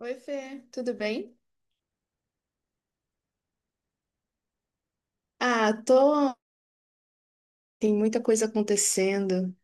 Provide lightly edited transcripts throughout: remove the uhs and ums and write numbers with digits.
Oi, Fê, tudo bem? Ah, tô. Tem muita coisa acontecendo.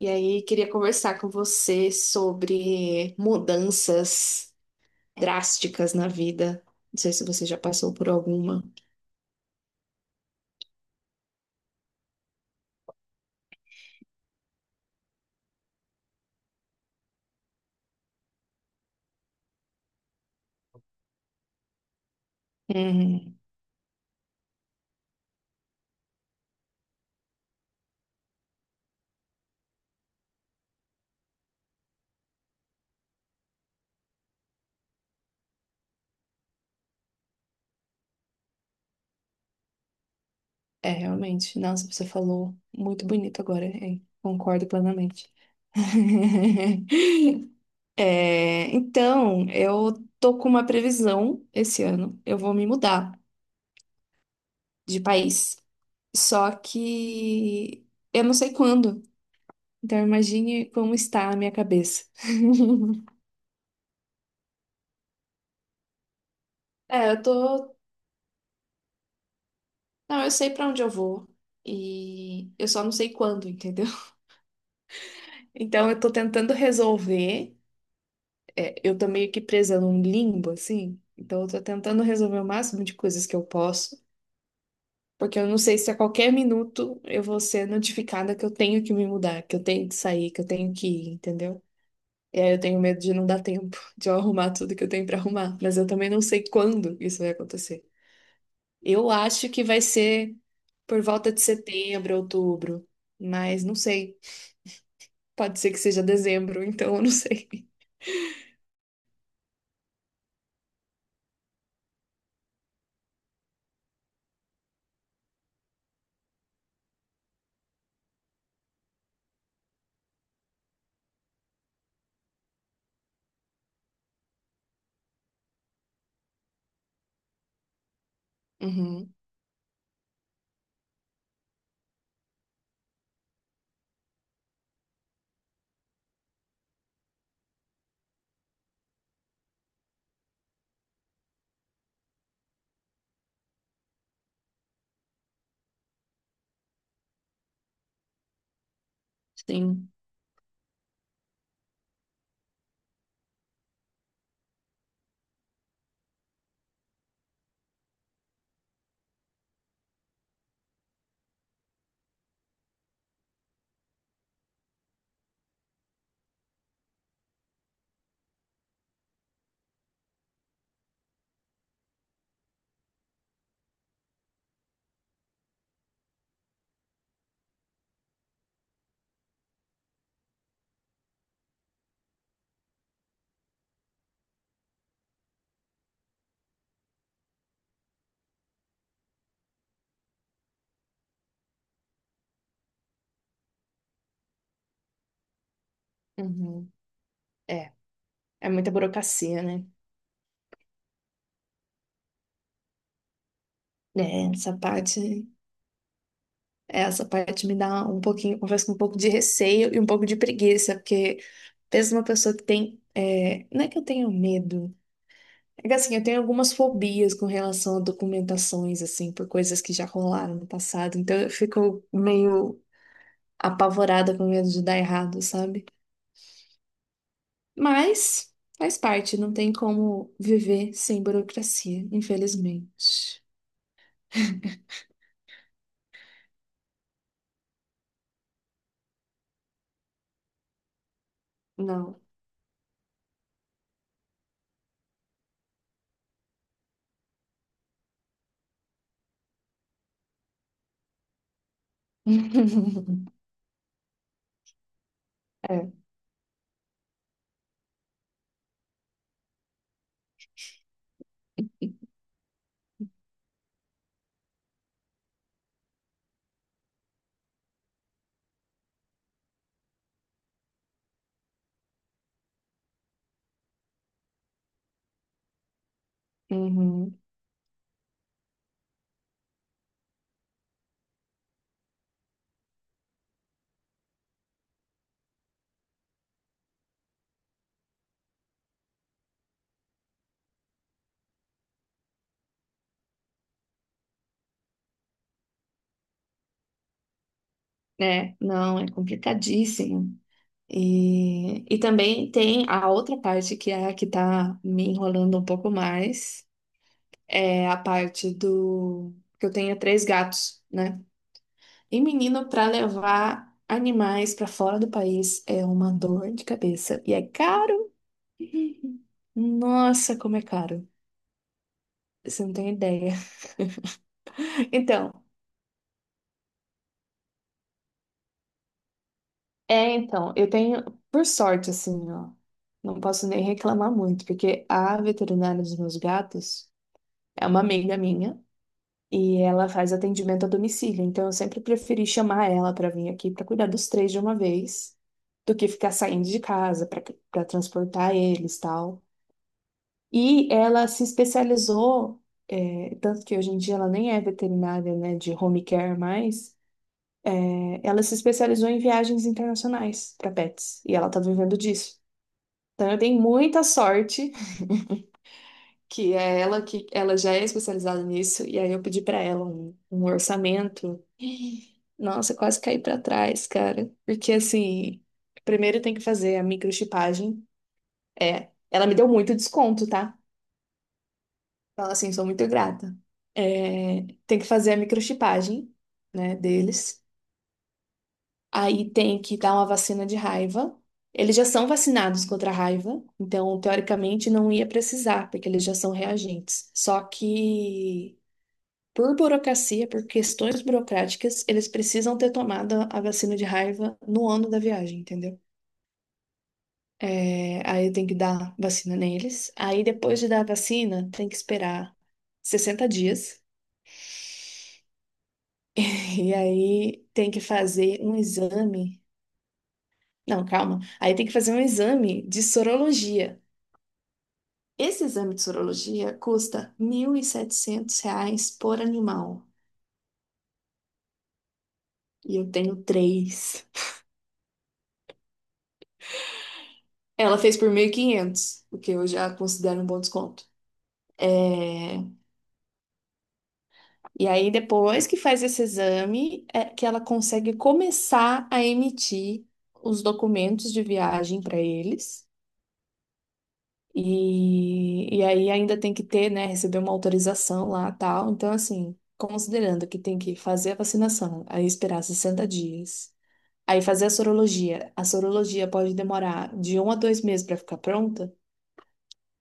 E aí, queria conversar com você sobre mudanças drásticas na vida. Não sei se você já passou por alguma. Uhum. É, realmente. Nossa, você falou muito bonito agora, hein? Concordo plenamente. É, então, eu tô com uma previsão esse ano. Eu vou me mudar de país. Só que eu não sei quando. Então imagine como está a minha cabeça. É, eu tô. Não, eu sei pra onde eu vou. E eu só não sei quando, entendeu? Então eu tô tentando resolver. É, eu tô meio que presa num limbo, assim. Então eu tô tentando resolver o máximo de coisas que eu posso. Porque eu não sei se a qualquer minuto eu vou ser notificada que eu tenho que me mudar, que eu tenho que sair, que eu tenho que ir, entendeu? E aí eu tenho medo de não dar tempo de eu arrumar tudo que eu tenho pra arrumar. Mas eu também não sei quando isso vai acontecer. Eu acho que vai ser por volta de setembro, outubro. Mas não sei. Pode ser que seja dezembro, então eu não sei. Uhum, sim. Uhum. É. É muita burocracia, né? É, essa parte. Essa parte me dá um pouquinho, confesso, que um pouco de receio e um pouco de preguiça, porque pensa uma pessoa que tem. Não é que eu tenho medo. É que, assim, eu tenho algumas fobias com relação a documentações, assim, por coisas que já rolaram no passado. Então eu fico meio apavorada com medo de dar errado, sabe? Mas faz parte, não tem como viver sem burocracia, infelizmente. Não. É. Uhum. É, não, é complicadíssimo. E também tem a outra parte que é a que tá me enrolando um pouco mais, é a parte do que eu tenho três gatos, né? E menino, para levar animais para fora do país é uma dor de cabeça e é caro. Nossa, como é caro. Você não tem ideia. Então, É, então, eu tenho, por sorte, assim, ó, não posso nem reclamar muito, porque a veterinária dos meus gatos é uma amiga minha e ela faz atendimento a domicílio, então eu sempre preferi chamar ela para vir aqui para cuidar dos três de uma vez, do que ficar saindo de casa para transportar eles, tal. E ela se especializou, tanto que hoje em dia ela nem é veterinária, né, de home care mais, ela se especializou em viagens internacionais para pets e ela tá vivendo disso. Então eu dei muita sorte que é ela que ela já é especializada nisso e aí eu pedi para ela um orçamento. Nossa, eu quase caí para trás, cara, porque assim, primeiro tem que fazer a microchipagem. É, ela me deu muito desconto, tá? Então assim, sou muito grata. É, tem que fazer a microchipagem, né, deles. Aí tem que dar uma vacina de raiva. Eles já são vacinados contra a raiva, então teoricamente não ia precisar, porque eles já são reagentes. Só que por burocracia, por questões burocráticas, eles precisam ter tomado a vacina de raiva no ano da viagem, entendeu? É, aí tem que dar vacina neles. Aí depois de dar a vacina, tem que esperar 60 dias. E aí tem que fazer um exame. Não, calma. Aí tem que fazer um exame de sorologia. Esse exame de sorologia custa R$ 1.700 por animal. E eu tenho três. Ela fez por 1.500, o que eu já considero um bom desconto. É. E aí, depois que faz esse exame, é que ela consegue começar a emitir os documentos de viagem para eles. E aí ainda tem que ter, né, receber uma autorização lá, tal. Então, assim, considerando que tem que fazer a vacinação, aí esperar 60 dias, aí fazer a sorologia. A sorologia pode demorar de 1 a 2 meses para ficar pronta.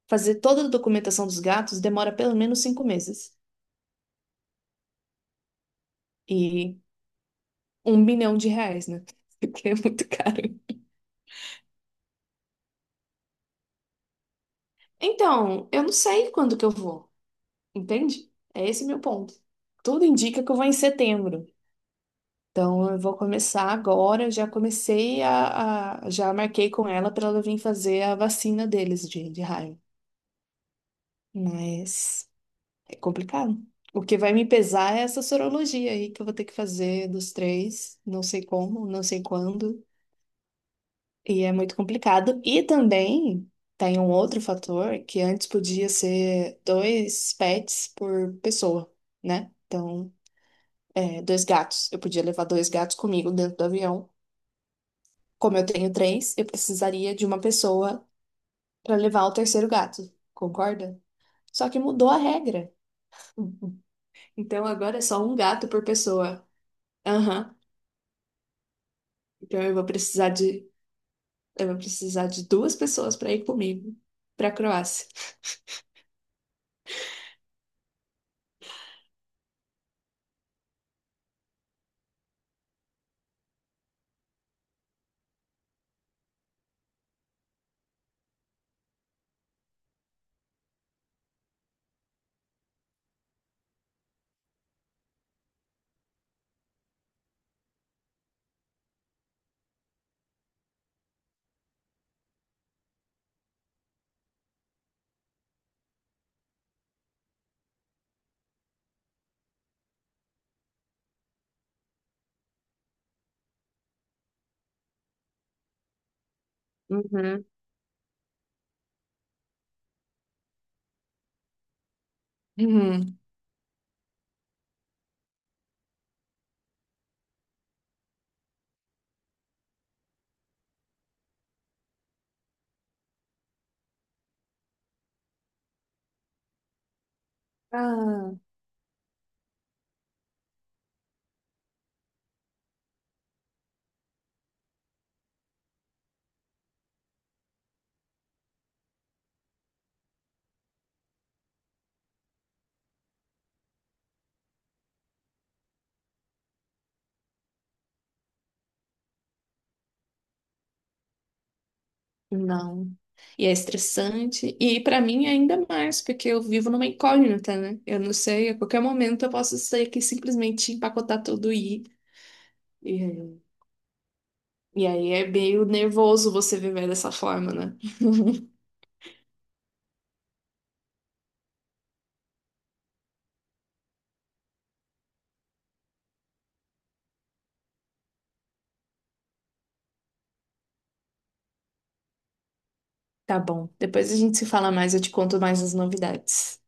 Fazer toda a documentação dos gatos demora pelo menos 5 meses. E 1 bilhão de reais, né? Porque é muito caro. Então, eu não sei quando que eu vou, entende? É esse meu ponto. Tudo indica que eu vou em setembro. Então, eu vou começar agora. Eu já comecei já marquei com ela para ela vir fazer a vacina deles de raiva. Mas é complicado. O que vai me pesar é essa sorologia aí que eu vou ter que fazer dos três, não sei como, não sei quando, e é muito complicado. E também tem um outro fator que antes podia ser dois pets por pessoa, né? Então, dois gatos. Eu podia levar dois gatos comigo dentro do avião. Como eu tenho três, eu precisaria de uma pessoa para levar o terceiro gato, concorda? Só que mudou a regra. Então agora é só um gato por pessoa. Aham. Então eu vou precisar de duas pessoas para ir comigo para Croácia. Uhum. Uhum. Ah, não. E é estressante. E para mim é ainda mais, porque eu vivo numa incógnita, né? Eu não sei, a qualquer momento eu posso sair aqui e simplesmente empacotar tudo e ir. E aí é meio nervoso você viver dessa forma, né? Tá bom. Depois a gente se fala mais, eu te conto mais as novidades.